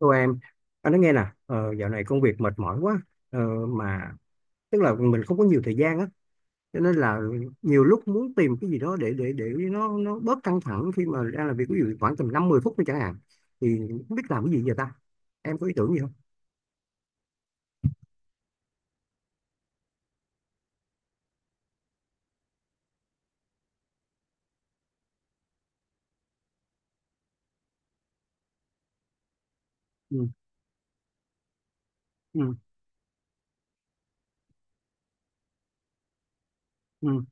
Cô em, anh nói nghe nè, dạo này công việc mệt mỏi quá, ờ, mà tức là mình không có nhiều thời gian á, cho nên là nhiều lúc muốn tìm cái gì đó để nó bớt căng thẳng khi mà đang làm việc, ví dụ khoảng tầm 5-10 phút thôi chẳng hạn, thì không biết làm cái gì giờ ta? Em có ý tưởng gì không? Ừ, ừ, ừ,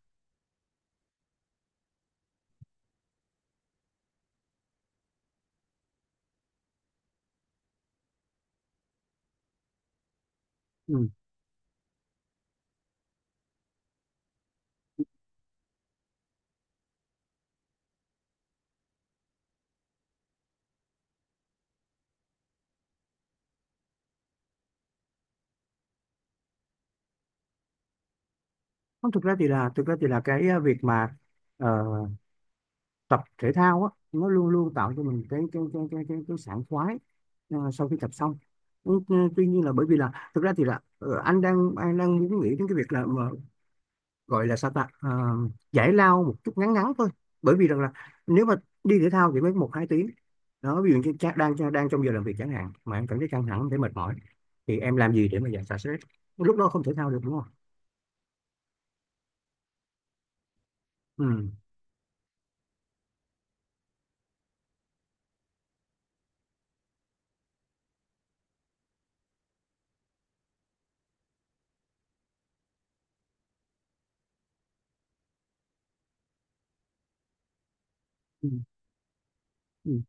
ừ. Không, thực ra thì là cái việc mà ờ, tập thể thao á nó luôn luôn tạo cho mình cái sảng khoái sau khi tập xong. Ừ, ừ, tuy nhiên là bởi vì là thực ra thì là anh đang muốn nghĩ đến cái việc là mà gọi là sao ta. Ờ, Giải lao một chút ngắn ngắn thôi, bởi vì rằng là nếu mà đi thể thao thì mới 1-2 tiếng đó, ví dụ như đang trong giờ làm việc chẳng hạn mà em cảm thấy căng thẳng thấy mệt mỏi, thì em làm gì để mà giải xả stress lúc đó, không thể thao được đúng không? Ừ. Ừ. Ừ.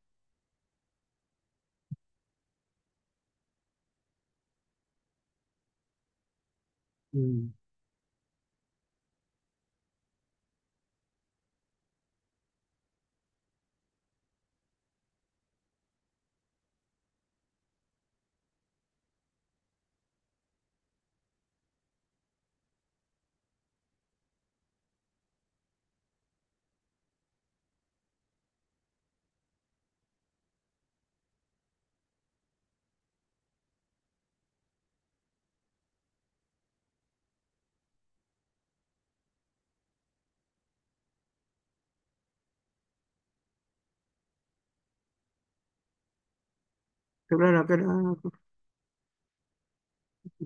Ừ. Thực ra là cái đó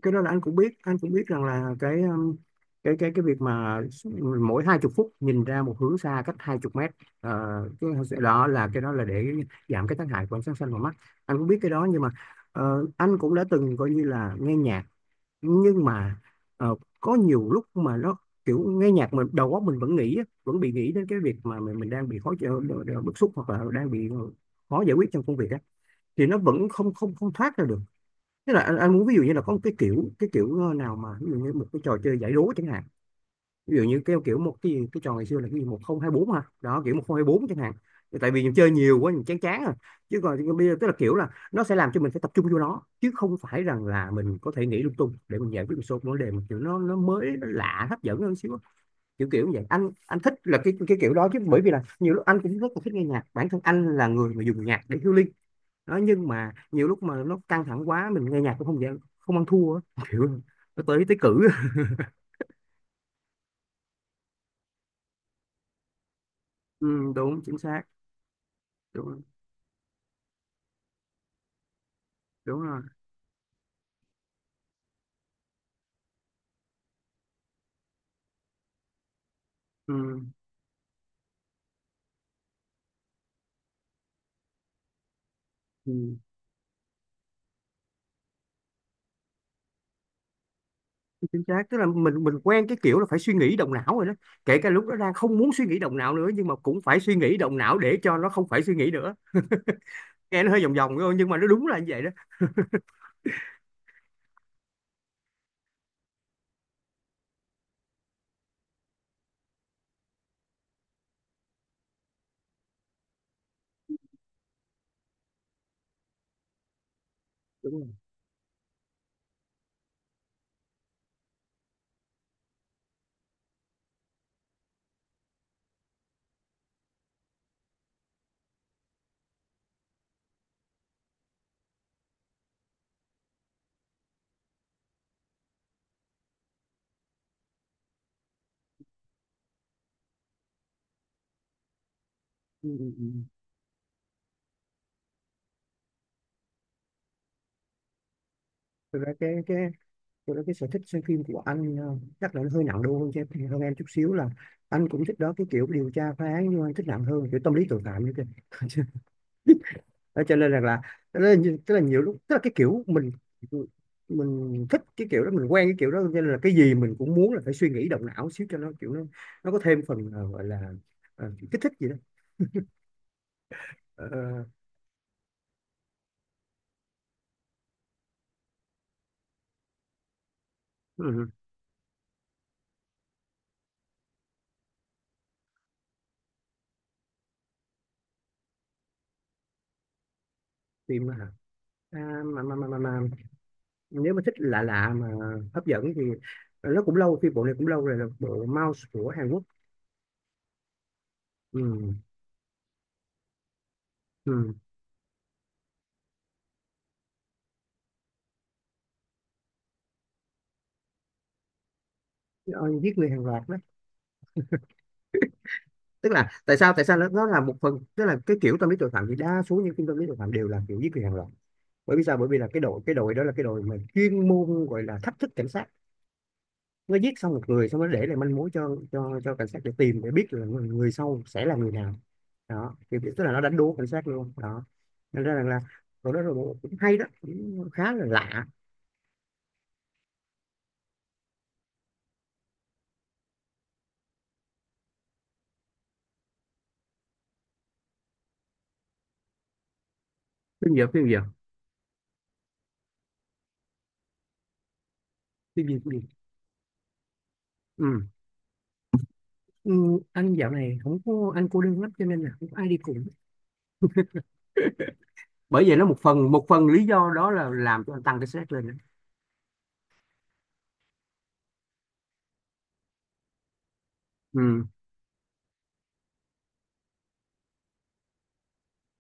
cái đó là anh cũng biết rằng là cái việc mà mỗi 20 phút nhìn ra một hướng xa cách 20 mét, ờ, cái đó là để giảm cái tác hại của ánh sáng xanh vào mắt, anh cũng biết cái đó. Nhưng mà anh cũng đã từng coi như là nghe nhạc, nhưng mà ờ, có nhiều lúc mà nó kiểu nghe nhạc mình đầu óc mình vẫn nghĩ á, vẫn bị nghĩ đến cái việc mà mình đang bị khó chịu, bức xúc, hoặc là đang bị khó giải quyết trong công việc á, thì nó vẫn không không không thoát ra được. Thế là anh muốn ví dụ như là có một cái kiểu, cái kiểu nào mà ví dụ như một cái trò chơi giải đố chẳng hạn, ví dụ như cái kiểu cái trò ngày xưa là cái gì 1024 ha đó, kiểu 1024 chẳng hạn. Thì tại vì mình chơi nhiều quá mình chán chán rồi, chứ còn thì bây giờ tức là kiểu là nó sẽ làm cho mình phải tập trung vô nó, chứ không phải rằng là mình có thể nghĩ lung tung để mình giải quyết một số vấn đề mà kiểu nó mới nó lạ hấp dẫn hơn xíu á. Kiểu kiểu như vậy, anh thích là cái kiểu đó, chứ bởi vì là nhiều lúc anh cũng rất là thích nghe nhạc, bản thân anh là người mà dùng nhạc để healing đó, nhưng mà nhiều lúc mà nó căng thẳng quá mình nghe nhạc cũng không dễ, không ăn thua á. Kiểu nó tới tới cử. Ừ, đúng, chính xác. Đúng. Đúng rồi. Ừ, ừ, chính xác. Tức là mình quen cái kiểu là phải suy nghĩ động não rồi đó, kể cả lúc đó đang không muốn suy nghĩ động não nữa nhưng mà cũng phải suy nghĩ động não để cho nó không phải suy nghĩ nữa. Nghe nó hơi vòng vòng thôi nhưng mà nó đúng là như vậy đó. Đúng rồi. Ừ, ừ, ừ. Thực ra cái tôi nói cái sở thích xem phim của anh chắc là nó hơi nặng đô hơn cho em, hơn em chút xíu là anh cũng thích đó cái kiểu điều tra phá án, nhưng mà anh thích nặng hơn, kiểu tâm lý tội phạm như thế. Đó, cho nên rằng là tức là, tức là, nhiều lúc tức là cái kiểu mình thích cái kiểu đó, mình quen cái kiểu đó, cho nên là cái gì mình cũng muốn là phải suy nghĩ động não xíu cho nó kiểu nó có thêm phần gọi là kích thích gì đó. Ờ, ờ, ừ, phim hả? À, mà nếu mà thích lạ lạ mà hấp dẫn thì nó cũng lâu, phim bộ này cũng lâu rồi, là bộ Mouse của Hàn Quốc. Ừ. Ừ. Ờ, Giết người hàng loạt đó, tức là tại sao nó là một phần, tức là cái kiểu tâm lý tội phạm thì đa số những phim tâm lý tội phạm đều là kiểu giết người hàng loạt. Bởi vì sao? Bởi vì là cái đội đó là cái đội mà chuyên môn gọi là thách thức cảnh sát. Nó giết xong một người xong nó để lại manh mối cho cảnh sát để tìm, để biết là người sau sẽ là người nào. Đó, kiểu kiểu tức là nó đánh đố cảnh sát luôn đó, nên ra rằng là rồi đó, rồi cũng hay đó, cũng khá là lạ. Phim giờ, phim gì cũng được. Ừ. Ừ. Anh dạo này không có, anh cô đơn lắm cho nên là không có ai đi cùng. Bởi vậy nó một phần lý do đó là làm cho anh tăng cái stress lên đó. Ừ,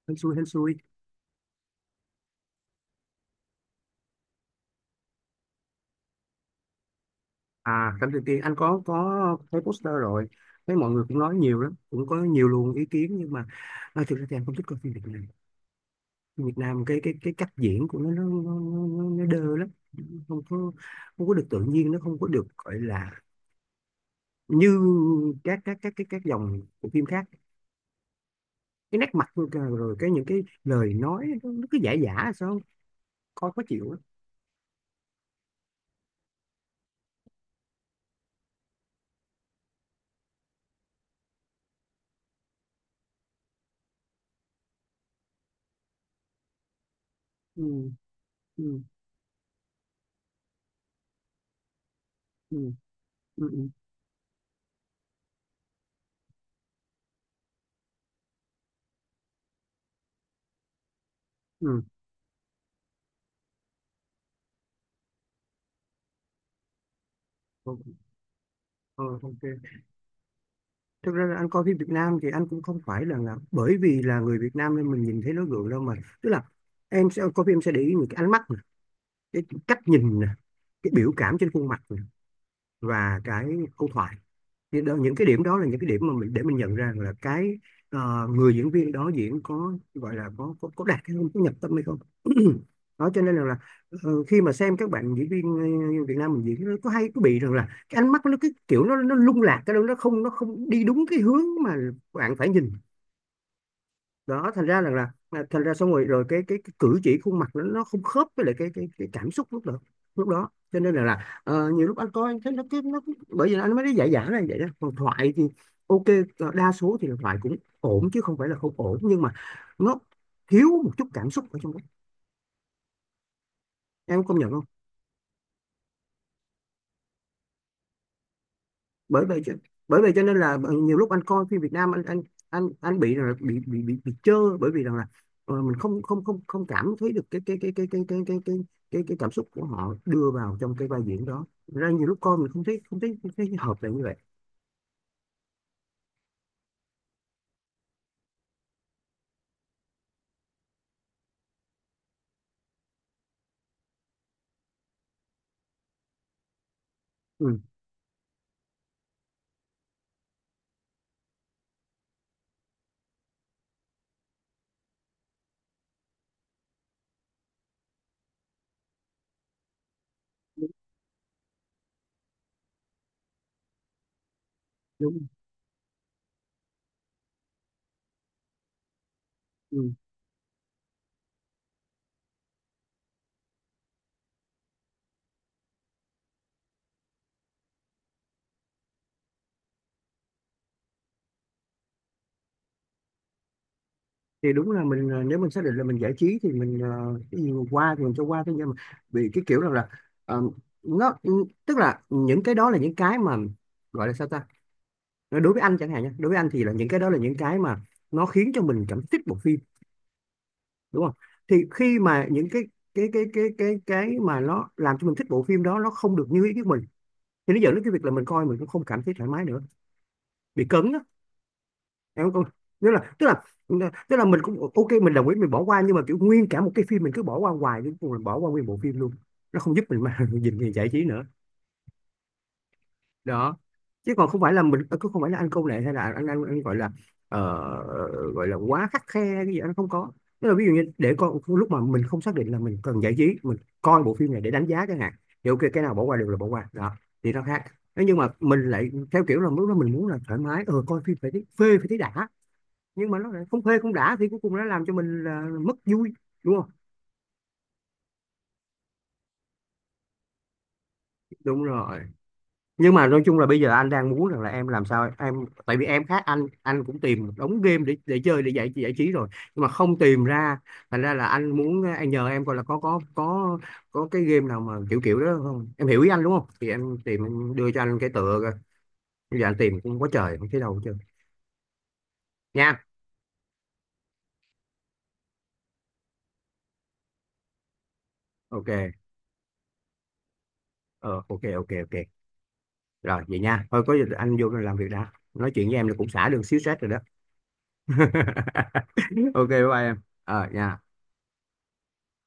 hên xui hên xui. À, cảnh tự tiên, anh có thấy poster rồi, thấy mọi người cũng nói nhiều lắm, cũng có nhiều luồng ý kiến nhưng mà à, thực ra thì anh không thích coi phim Việt Nam. Phim Việt Nam cái cách diễn của nó đơ lắm, không có không có được tự nhiên, nó không có được, gọi là như các dòng của phim khác. Cái nét mặt, rồi rồi cái những cái lời nói, nó cứ giả giả sao, coi khó chịu lắm. Ừ, ừ, ừ, ừ. Ừ. Ừ. Ok. Ờ, ok. Thực ra là anh coi phim Việt Nam thì anh cũng không phải là bởi vì là người Việt Nam nên mình nhìn thấy nó gượng đâu mà. Tức là em sẽ coi phim, em sẽ để ý những cái ánh mắt nè, cái cách nhìn nè, cái biểu cảm trên khuôn mặt nè, và cái câu thoại. Những cái điểm đó là những cái điểm mà mình để mình nhận ra là cái người diễn viên đó diễn có, gọi là có đạt hay không, có nhập tâm hay không. Đó, cho nên là khi mà xem các bạn diễn viên Việt Nam mình diễn, nó có hay có bị rằng là cái ánh mắt nó cái kiểu nó lung lạc, cái đó nó không đi đúng cái hướng mà bạn phải nhìn. Đó, thành ra rằng là thành ra xong rồi rồi cái cử chỉ khuôn mặt nó không khớp với lại cái cảm xúc lúc đó cho nên là nhiều lúc anh coi anh thấy bởi vì anh mới nói giả giả là vậy đó. Còn thoại thì ok, đa số thì là thoại cũng ổn, chứ không phải là không ổn, nhưng mà nó thiếu một chút cảm xúc ở trong đó, em có công nhận không? bởi vậy cho- Bởi vậy cho nên là nhiều lúc anh coi phim Việt Nam anh bị là bị chơ bởi vì rằng là mình không không không không cảm thấy được cái cảm xúc của họ đưa vào trong cái vai diễn đó, ra nhiều lúc coi mình không thấy, không thấy hợp lại như vậy. Ừ, đúng, đúng. Ừ. Thì đúng là mình nếu mình xác định là mình giải trí thì mình cái gì mà qua thì mình cho qua thôi, nhưng mà bị cái kiểu rằng là ờ, nó tức là những cái đó là những cái mà gọi là sao ta, đối với anh chẳng hạn nha, đối với anh thì là những cái đó là những cái mà nó khiến cho mình cảm thích bộ phim, đúng không? Thì khi mà những cái mà nó làm cho mình thích bộ phim đó nó không được như ý của mình, thì nó dẫn đến cái việc là mình coi mình cũng không cảm thấy thoải mái nữa, bị cấn đó, em không? Nghĩa là, tức là mình cũng ok, mình đồng ý mình bỏ qua, nhưng mà kiểu nguyên cả một cái phim mình cứ bỏ qua hoài đến cùng mình bỏ qua nguyên bộ phim luôn, nó không giúp mình mà nhìn gì giải trí nữa đó. Chứ còn không phải là mình cứ, không phải là anh câu nệ hay là anh gọi là ờ, gọi là quá khắt khe cái gì, anh không có. Tức là ví dụ như để con lúc mà mình không xác định là mình cần giải trí, mình coi bộ phim này để đánh giá chẳng hạn, thì ok cái nào bỏ qua được là bỏ qua đó, thì nó khác. Thế nhưng mà mình lại theo kiểu là lúc đó mình muốn là thoải mái coi phim phải thấy phê phải thấy đã, nhưng mà nó lại không phê không đã thì cuối cùng nó làm cho mình là mất vui, đúng không? Đúng rồi. Nhưng mà nói chung là bây giờ anh đang muốn rằng là em làm sao em, tại vì em khác anh cũng tìm một đống game để chơi để giải giải trí rồi, nhưng mà không tìm ra, thành ra là anh muốn, anh nhờ em coi là có cái game nào mà kiểu kiểu đó không, em hiểu ý anh đúng không? Thì em tìm em đưa cho anh cái tựa coi, bây giờ anh tìm cũng quá trời không thấy đâu hết trơn nha. Ok, ờ ok, ok, ok. Rồi vậy nha, thôi có gì anh vô làm việc, đã nói chuyện với em là cũng xả được xíu stress rồi đó. Ok, bye bye em, nha.